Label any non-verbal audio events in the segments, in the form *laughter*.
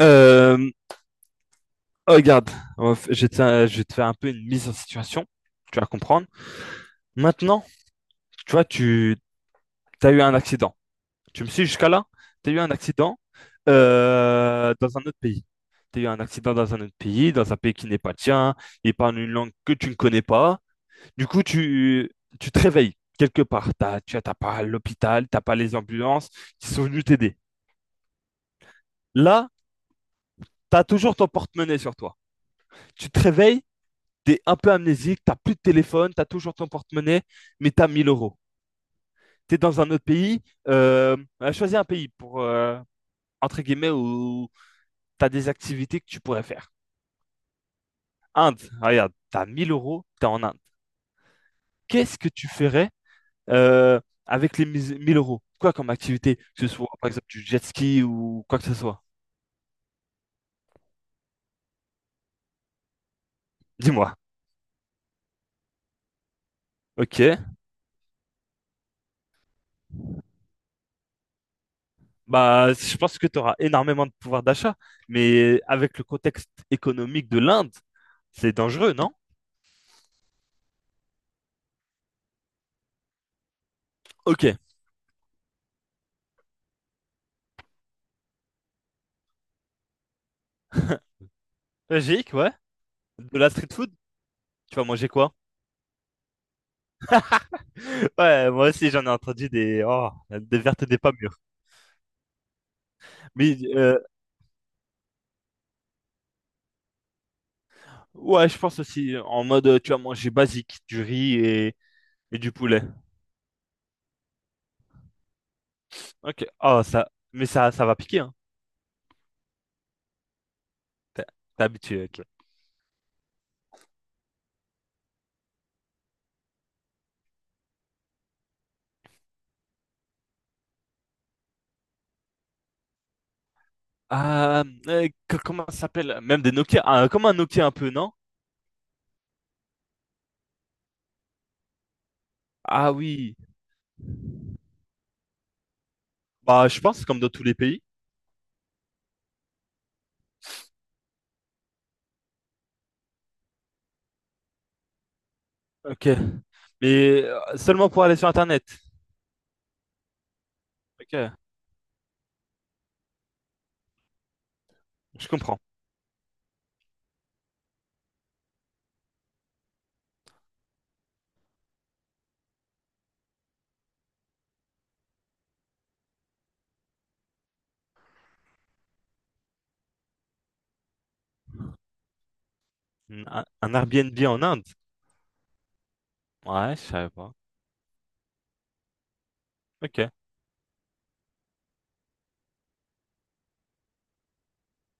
Euh, oh, regarde, je vais te faire je vais te faire un peu une mise en situation. Tu vas comprendre. Maintenant, tu vois, tu as eu un accident. Tu me suis jusqu'à là? Tu as eu un accident dans un autre pays. Tu as eu un accident dans un autre pays, dans un pays qui n'est pas le tien, il parle une langue que tu ne connais pas. Du coup, tu te réveilles quelque part. Tu n'as pas l'hôpital, tu n'as pas les ambulances qui sont venues t'aider. Là, tu as toujours ton porte-monnaie sur toi. Tu te réveilles. T'es un peu amnésique, t'as plus de téléphone, t'as toujours ton porte-monnaie, mais t'as 1000 euros. T'es dans un autre pays, euh, choisis un pays pour, entre guillemets, où t'as des activités que tu pourrais faire. Inde, regarde, t'as 1000 euros, t'es en Inde. Qu'est-ce que tu ferais euh, avec les 1000 euros? Quoi comme activité? Que ce soit, par exemple, du jet ski ou quoi que ce soit. Dis-moi. Ok. Bah, je pense que tu auras énormément de pouvoir d'achat, mais avec le contexte économique de l'Inde, c'est dangereux, non? Ok. Logique, ouais. De la street food, tu vas manger quoi? *laughs* Ouais, moi aussi j'en ai entendu des oh, des vertes et des pas mûres. Mais ouais, je pense aussi en mode tu vas manger basique, du riz et du poulet. Ok. Oh ça, mais ça va piquer hein. T'es t'es habitué. Ok. Ah, comment ça s'appelle? Même des Nokia. Ah, comme un Nokia un peu, non? Ah oui. Bah je pense comme dans tous les pays. Ok. Mais seulement pour aller sur Internet. Ok. Je comprends. Mm, un Airbnb en Inde? Ouais, je savais pas. Ok,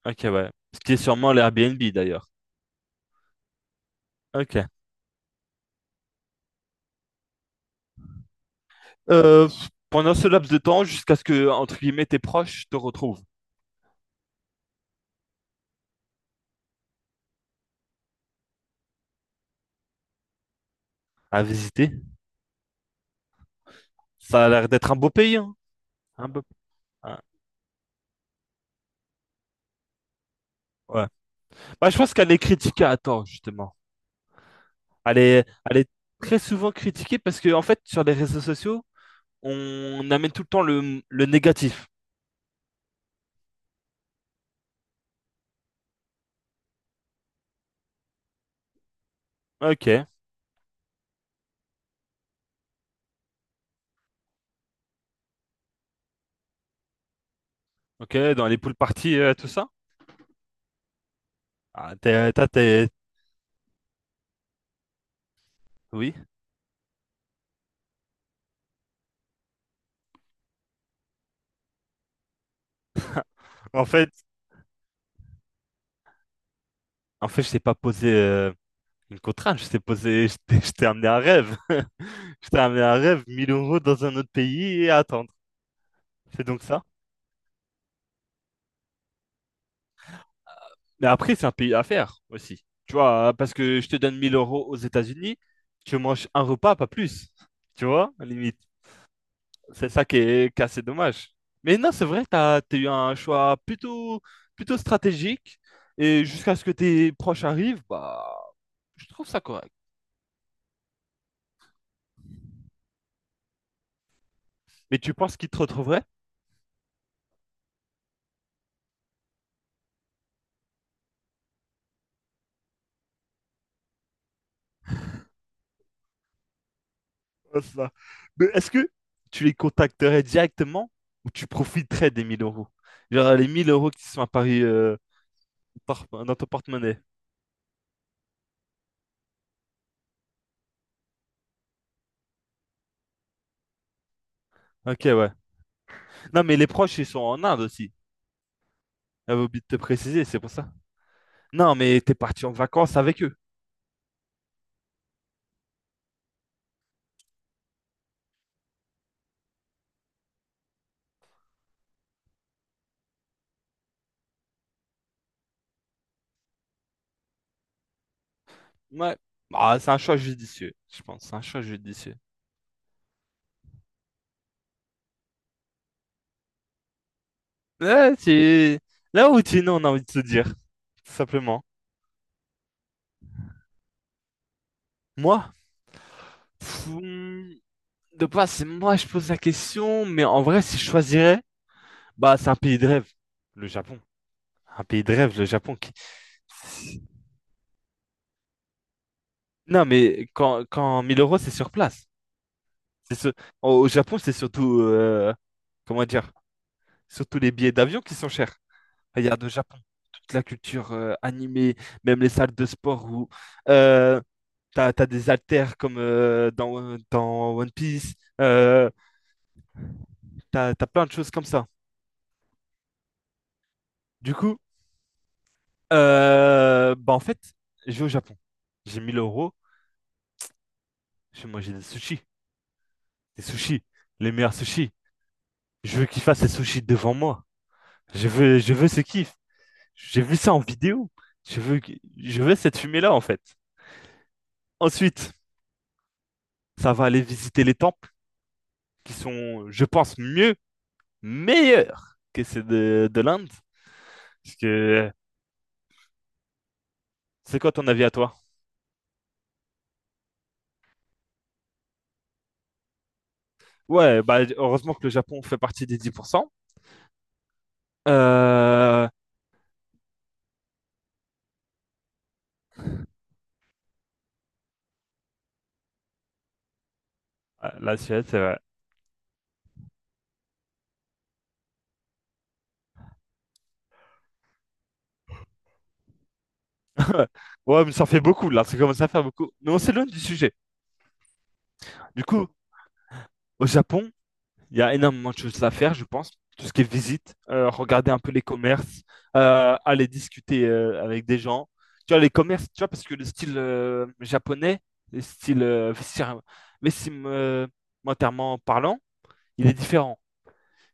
ok, ouais. Ce qui est sûrement l'Airbnb d'ailleurs. Ok. Euh, pendant ce laps de temps, jusqu'à ce que, entre guillemets, tes proches te retrouvent à visiter, ça a l'air d'être un beau pays, hein. Un beau... un- ouais. Bah, je pense qu'elle est critiquée à tort, justement. Elle est très souvent critiquée parce que, en fait, sur les réseaux sociaux, on amène tout le temps le négatif. Ok, ok, dans les poules parties, tout ça. Ah, t'es, t'as- t'es- oui. En fait, En fait, je t'ai pas posé une contrainte, je t'ai posé, *laughs* je t'ai amené un rêve. *laughs* Je t'ai amené un rêve, 1000 euros dans un autre pays et à attendre. C'est donc ça. Mais après, c'est un pays à faire aussi. Tu vois, parce que je te donne 1000 euros aux États-Unis, tu manges un repas, pas plus. Tu vois, à la limite. C'est ça qui est assez dommage. Mais non, c'est vrai, t'as eu un choix plutôt stratégique. Et jusqu'à ce que tes proches arrivent, bah, je trouve ça correct. Mais tu penses qu'ils te retrouveraient? Pas ça. Mais est-ce que tu les contacterais directement ou tu profiterais des 1000 euros? Genre les 1000 euros qui sont à Paris dans ton porte-monnaie. Ok, ouais. Non, mais les proches, ils sont en Inde aussi. J'avais oublié de te préciser, c'est pour ça. Non, mais t'es parti en vacances avec eux. Ouais. Bah, c'est un choix judicieux, je pense. C'est un choix judicieux. Là, tu... Là où tu es, non, on a envie de se dire, tout simplement. Moi, pff, hmm, de base, c'est moi, je pose la question, mais en vrai, si je choisirais, bah, c'est un pays de rêve, le Japon. Un pays de rêve, le Japon qui... Non, mais quand 1000 euros, c'est sur place. C'est sur- Au Japon, c'est surtout, comment dire, surtout les billets d'avion qui sont chers. Regarde au Japon, toute la culture animée, même les salles de sport où euh, t'as des haltères comme dans One Piece, euh, t'as plein de choses comme ça. Du coup, bah en fait, je vais au Japon. J'ai 1000 euros, je vais manger des sushis. Des sushis, les meilleurs sushis. Je veux qu'il fasse ses sushis devant moi. Je veux ce kiff. J'ai vu ça en vidéo. Je veux cette fumée-là, en fait. Ensuite, ça va aller visiter les temples qui sont, je pense, meilleurs que ceux de l'Inde. Parce que c'est quoi ton avis à toi? Ouais, bah, heureusement que le Japon fait partie des 10%. Euh, ah, la Suède, c'est vrai. *laughs* Ouais, mais ça fait beaucoup, là. Ça commence à faire beaucoup. Mais on s'éloigne du sujet. Du coup, au Japon, il y a énormément de choses à faire, je pense. Tout ce qui est visite, regarder un peu les commerces, aller discuter avec des gens. Tu vois, les commerces, tu vois, parce que le style japonais, le style vestimentairement parlant, il est différent.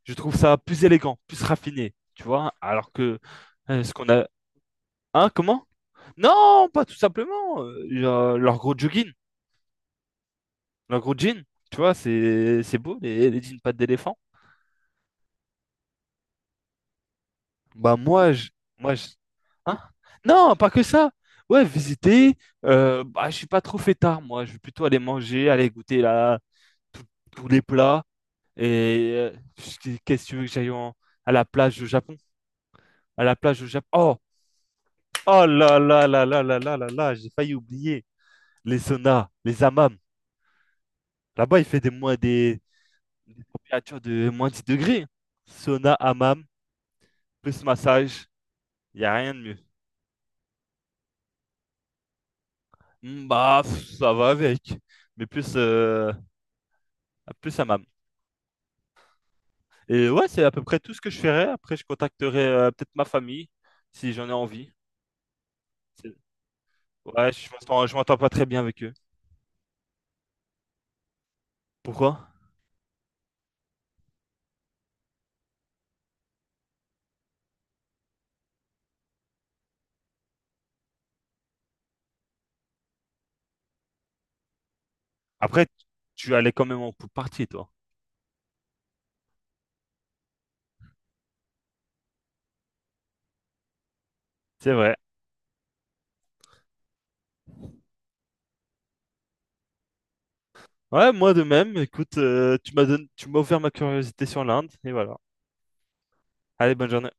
Je trouve ça plus élégant, plus raffiné, tu vois, alors que ce qu'on a... Hein, comment? Non, pas tout simplement. Euh, genre, leur gros jogging, leur gros jean, tu vois, c'est beau, les jeans pattes d'éléphant. Bah moi, je, moi je- hein? Non, pas que ça. Ouais, visiter. Euh, bah je suis pas trop fêtard moi. Je vais plutôt aller manger, aller goûter là tout- tous les plats. Et qu'est-ce que tu veux que à la plage au Japon? À la plage au Japon. Oh, oh là là là là là là là là. J'ai failli oublier les saunas, les hammams. Là-bas, il fait des températures de -10 degrés. Sauna, hammam, plus massage. Il y a rien de mieux. Hmm, bah, pff, ça va avec, mais plus, euh, plus à Mam. Et ouais, c'est à peu près tout ce que je ferai. Après, je contacterai peut-être ma famille si j'en ai envie. C'est- Ouais, je m'entends pas très bien avec eux. Pourquoi? Après, tu allais quand même en pool party, toi. C'est vrai. Ouais, moi de même. Écoute, tu m'as ouvert ma curiosité sur l'Inde, et voilà. Allez, bonne journée.